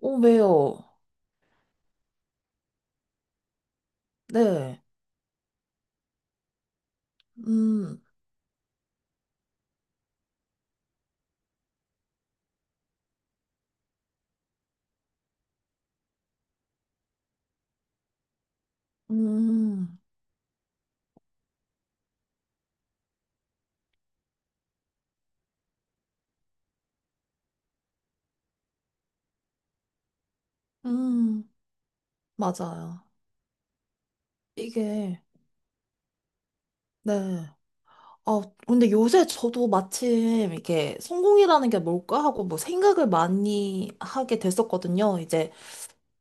오, 왜요? 네. 음, 음, 음, 맞아요. 이게, 네. 아, 근데 요새 저도 마침 이게 성공이라는 게 뭘까 하고 뭐 생각을 많이 하게 됐었거든요. 이제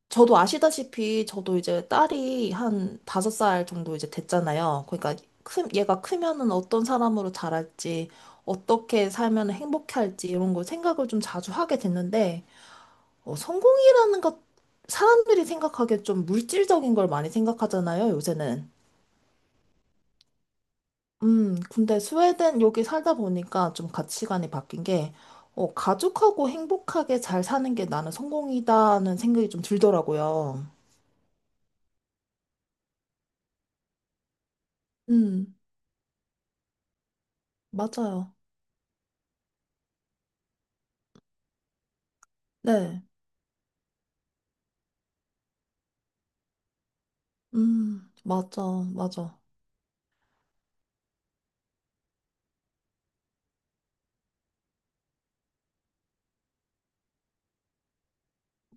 저도 아시다시피 저도 이제 딸이 한 5살 정도 이제 됐잖아요. 그러니까 얘가 크면은 어떤 사람으로 자랄지, 어떻게 살면 행복할지 이런 걸 생각을 좀 자주 하게 됐는데, 성공이라는 것, 사람들이 생각하기에 좀 물질적인 걸 많이 생각하잖아요, 요새는. 근데 스웨덴 여기 살다 보니까 좀 가치관이 바뀐 게, 가족하고 행복하게 잘 사는 게 나는 성공이다는 생각이 좀 들더라고요. 음, 맞아요. 네. 맞아, 맞아.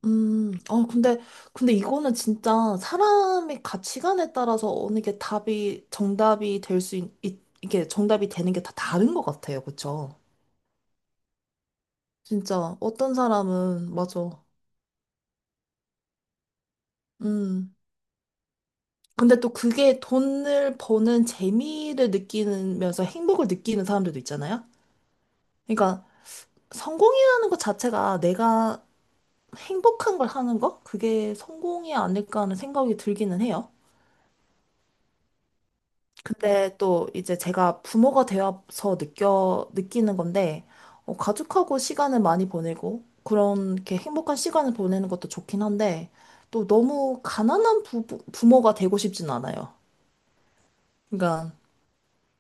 음, 어, 근데, 근데 이거는 진짜 사람의 가치관에 따라서 어느 게 정답이 이게 정답이 되는 게 다 다른 것 같아요. 그쵸? 진짜 어떤 사람은 맞아. 음. 근데 또 그게 돈을 버는 재미를 느끼면서 행복을 느끼는 사람들도 있잖아요. 그러니까 성공이라는 것 자체가 내가 행복한 걸 하는 거? 그게 성공이 아닐까 하는 생각이 들기는 해요. 근데 또 이제 제가 부모가 되어서 느껴 느끼는 건데 가족하고 시간을 많이 보내고 그렇게 행복한 시간을 보내는 것도 좋긴 한데 또 너무 가난한 부모가 되고 싶진 않아요. 그러니까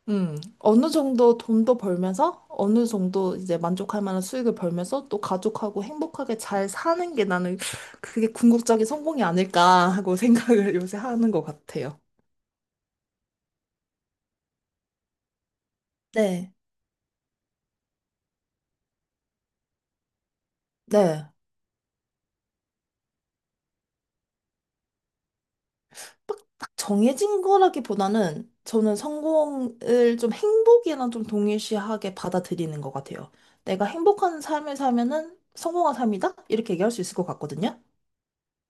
어느 정도 돈도 벌면서 어느 정도 이제 만족할 만한 수익을 벌면서 또 가족하고 행복하게 잘 사는 게 나는 그게 궁극적인 성공이 아닐까 하고 생각을 요새 하는 것 같아요. 네. 네. 딱 정해진 거라기보다는 저는 성공을 좀 행복이랑 좀 동일시하게 받아들이는 것 같아요. 내가 행복한 삶을 살면은 성공한 삶이다? 이렇게 얘기할 수 있을 것 같거든요.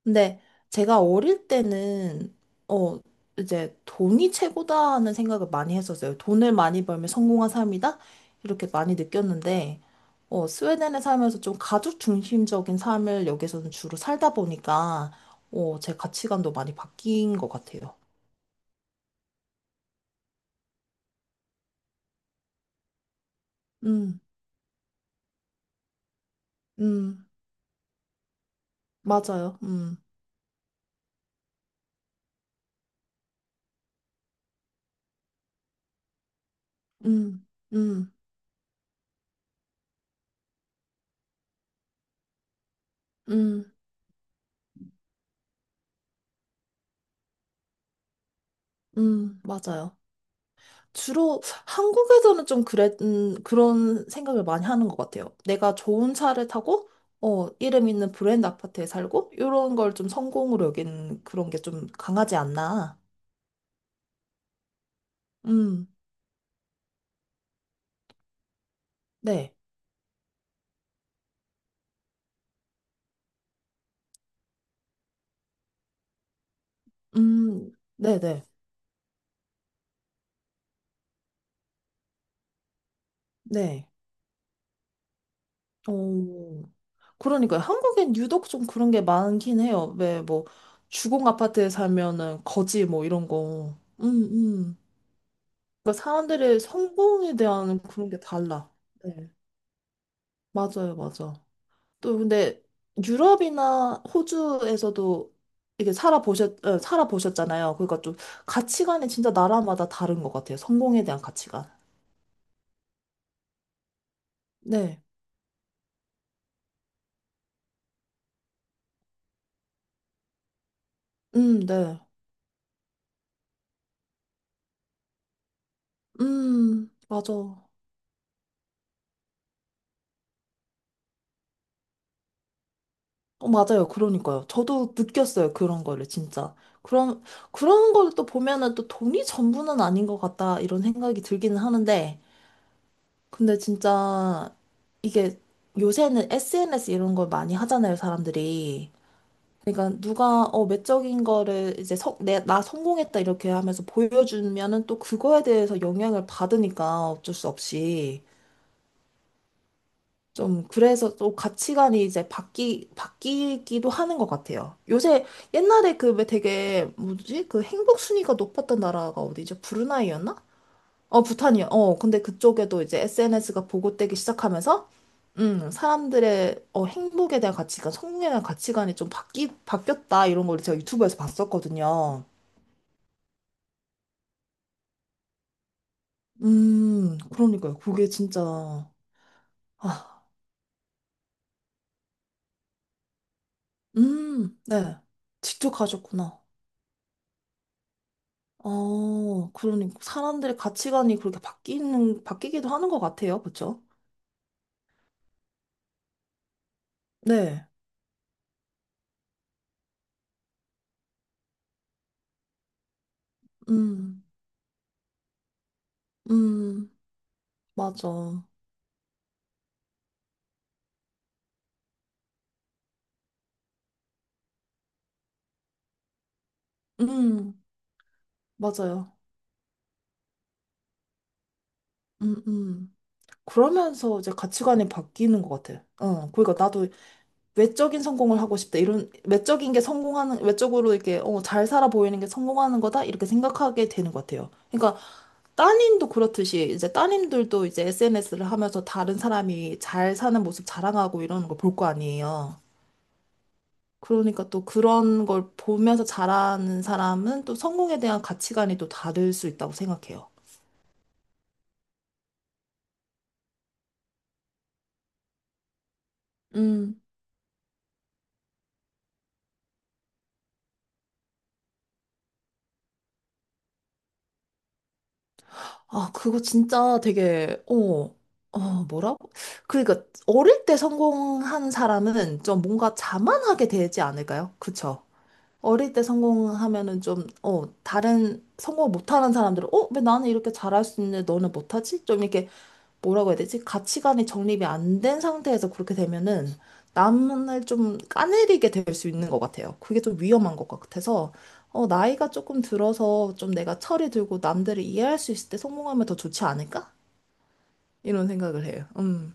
근데 제가 어릴 때는 어 이제 돈이 최고다 하는 생각을 많이 했었어요. 돈을 많이 벌면 성공한 삶이다 이렇게 많이 느꼈는데 스웨덴에 살면서 좀 가족 중심적인 삶을 여기서는 주로 살다 보니까 어제 가치관도 많이 바뀐 것 같아요. 음, 음, 맞아요. 음, 음, 음, 맞아요. 주로 한국에서는 좀 그런 생각을 많이 하는 것 같아요. 내가 좋은 차를 타고, 이름 있는 브랜드 아파트에 살고, 이런 걸 좀 성공으로 여기는 그런 게 좀 강하지 않나. 음, 네. 음, 네네. 네. 네. 어, 그러니까요. 한국엔 유독 좀 그런 게 많긴 해요. 왜, 뭐, 주공 아파트에 살면은 거지 뭐 이런 거. 그러니까 사람들의 성공에 대한 그런 게 달라. 네. 맞아요, 맞아. 또 근데 유럽이나 호주에서도 이게 살아보셨잖아요. 그러니까 좀 가치관이 진짜 나라마다 다른 것 같아요. 성공에 대한 가치관. 네. 네. 맞아. 맞아요. 그러니까요. 저도 느꼈어요. 그런 거를 진짜. 그런, 그런 거를 또 보면은 또 돈이 전부는 아닌 것 같다. 이런 생각이 들기는 하는데. 근데 진짜 이게 요새는 SNS 이런 걸 많이 하잖아요. 사람들이. 그러니까 누가 외적인 거를 이제 나 성공했다 이렇게 하면서 보여주면은 또 그거에 대해서 영향을 받으니까 어쩔 수 없이 좀 그래서 또 가치관이 이제 바뀌기도 하는 것 같아요. 요새. 옛날에 그 왜 되게 뭐지, 그 행복 순위가 높았던 나라가 어디죠? 브루나이였나? 부탄이요. 근데 그쪽에도 이제 SNS가 보급되기 시작하면서, 사람들의 행복에 대한 가치관, 성공에 대한 가치관이 좀 바뀌었다, 이런 걸 제가 유튜브에서 봤었거든요. 그러니까요. 그게 진짜, 아, 네. 직접 가셨구나. 그러니 사람들의 가치관이 그렇게 바뀌기도 하는 것 같아요. 그쵸? 네. 음, 음, 맞아. 음, 맞아요. 음, 음. 그러면서 이제 가치관이 바뀌는 것 같아. 그러니까 나도 외적인 성공을 하고 싶다. 이런 외적인 게 성공하는, 외적으로 이렇게 잘 살아 보이는 게 성공하는 거다. 이렇게 생각하게 되는 것 같아요. 그러니까 따님도 그렇듯이 이제 따님들도 이제 SNS를 하면서 다른 사람이 잘 사는 모습 자랑하고 이러는 걸 볼 거 아니에요. 그러니까 또 그런 걸 보면서 자라는 사람은 또 성공에 대한 가치관이 또 다를 수 있다고 생각해요. 아, 그거 진짜 되게, 어, 뭐라고? 그러니까, 어릴 때 성공한 사람은 좀 뭔가 자만하게 되지 않을까요? 그쵸? 어릴 때 성공하면은 좀, 다른 성공 못하는 사람들은, 왜 나는 이렇게 잘할 수 있는데 너는 못하지? 좀 이렇게 뭐라고 해야 되지? 가치관이 정립이 안 된 상태에서 그렇게 되면은 남을 좀 까내리게 될 수 있는 것 같아요. 그게 좀 위험한 것 같아서 나이가 조금 들어서 좀 내가 철이 들고 남들을 이해할 수 있을 때 성공하면 더 좋지 않을까? 이런 생각을 해요.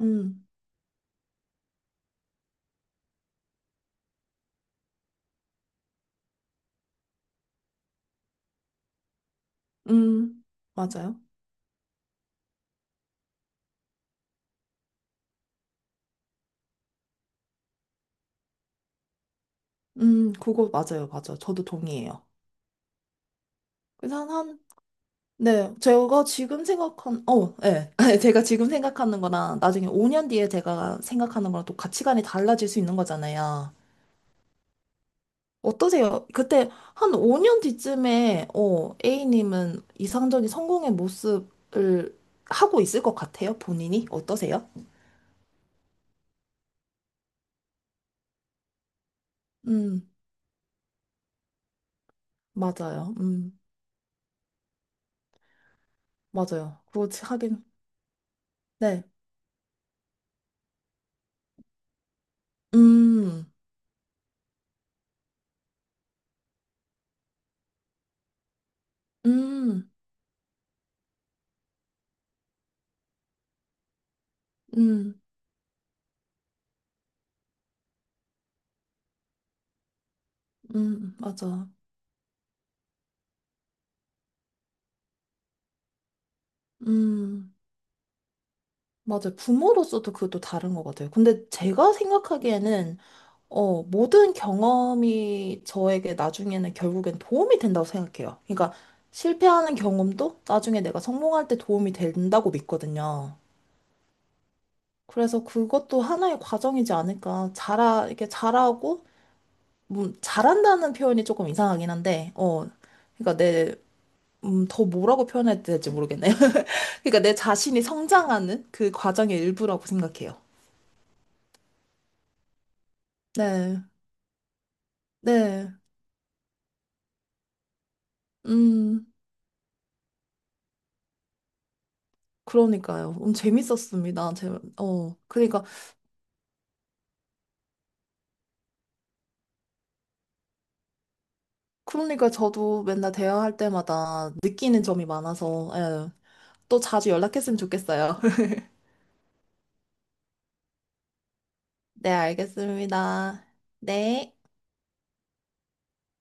음, 음, 맞아요. 그거 맞아요, 맞아요. 저도 동의해요. 그래서 네, 제가 지금 생각한, 어, 네. 제가 지금 생각하는 거랑 나중에 5년 뒤에 제가 생각하는 거랑 또 가치관이 달라질 수 있는 거잖아요. 어떠세요? 그때 한 5년 뒤쯤에 A님은 이상적인 성공의 모습을 하고 있을 것 같아요, 본인이? 어떠세요? 음, 맞아요. 맞아요. 그렇지, 하긴. 네. 음, 음, 음, 맞아. 음, 맞아요. 부모로서도 그것도 다른 것 같아요. 근데 제가 생각하기에는 모든 경험이 저에게 나중에는 결국엔 도움이 된다고 생각해요. 그러니까 실패하는 경험도 나중에 내가 성공할 때 도움이 된다고 믿거든요. 그래서 그것도 하나의 과정이지 않을까. 이렇게 잘하고, 잘한다는 표현이 조금 이상하긴 한데, 그러니까 더 뭐라고 표현해야 될지 모르겠네요. 그러니까 내 자신이 성장하는 그 과정의 일부라고 생각해요. 네, 네, 음. 그러니까요. 재밌었습니다. 그러니까, 그러니까 저도 맨날 대화할 때마다 느끼는 점이 많아서, 예, 또 자주 연락했으면 좋겠어요. 네, 알겠습니다. 네.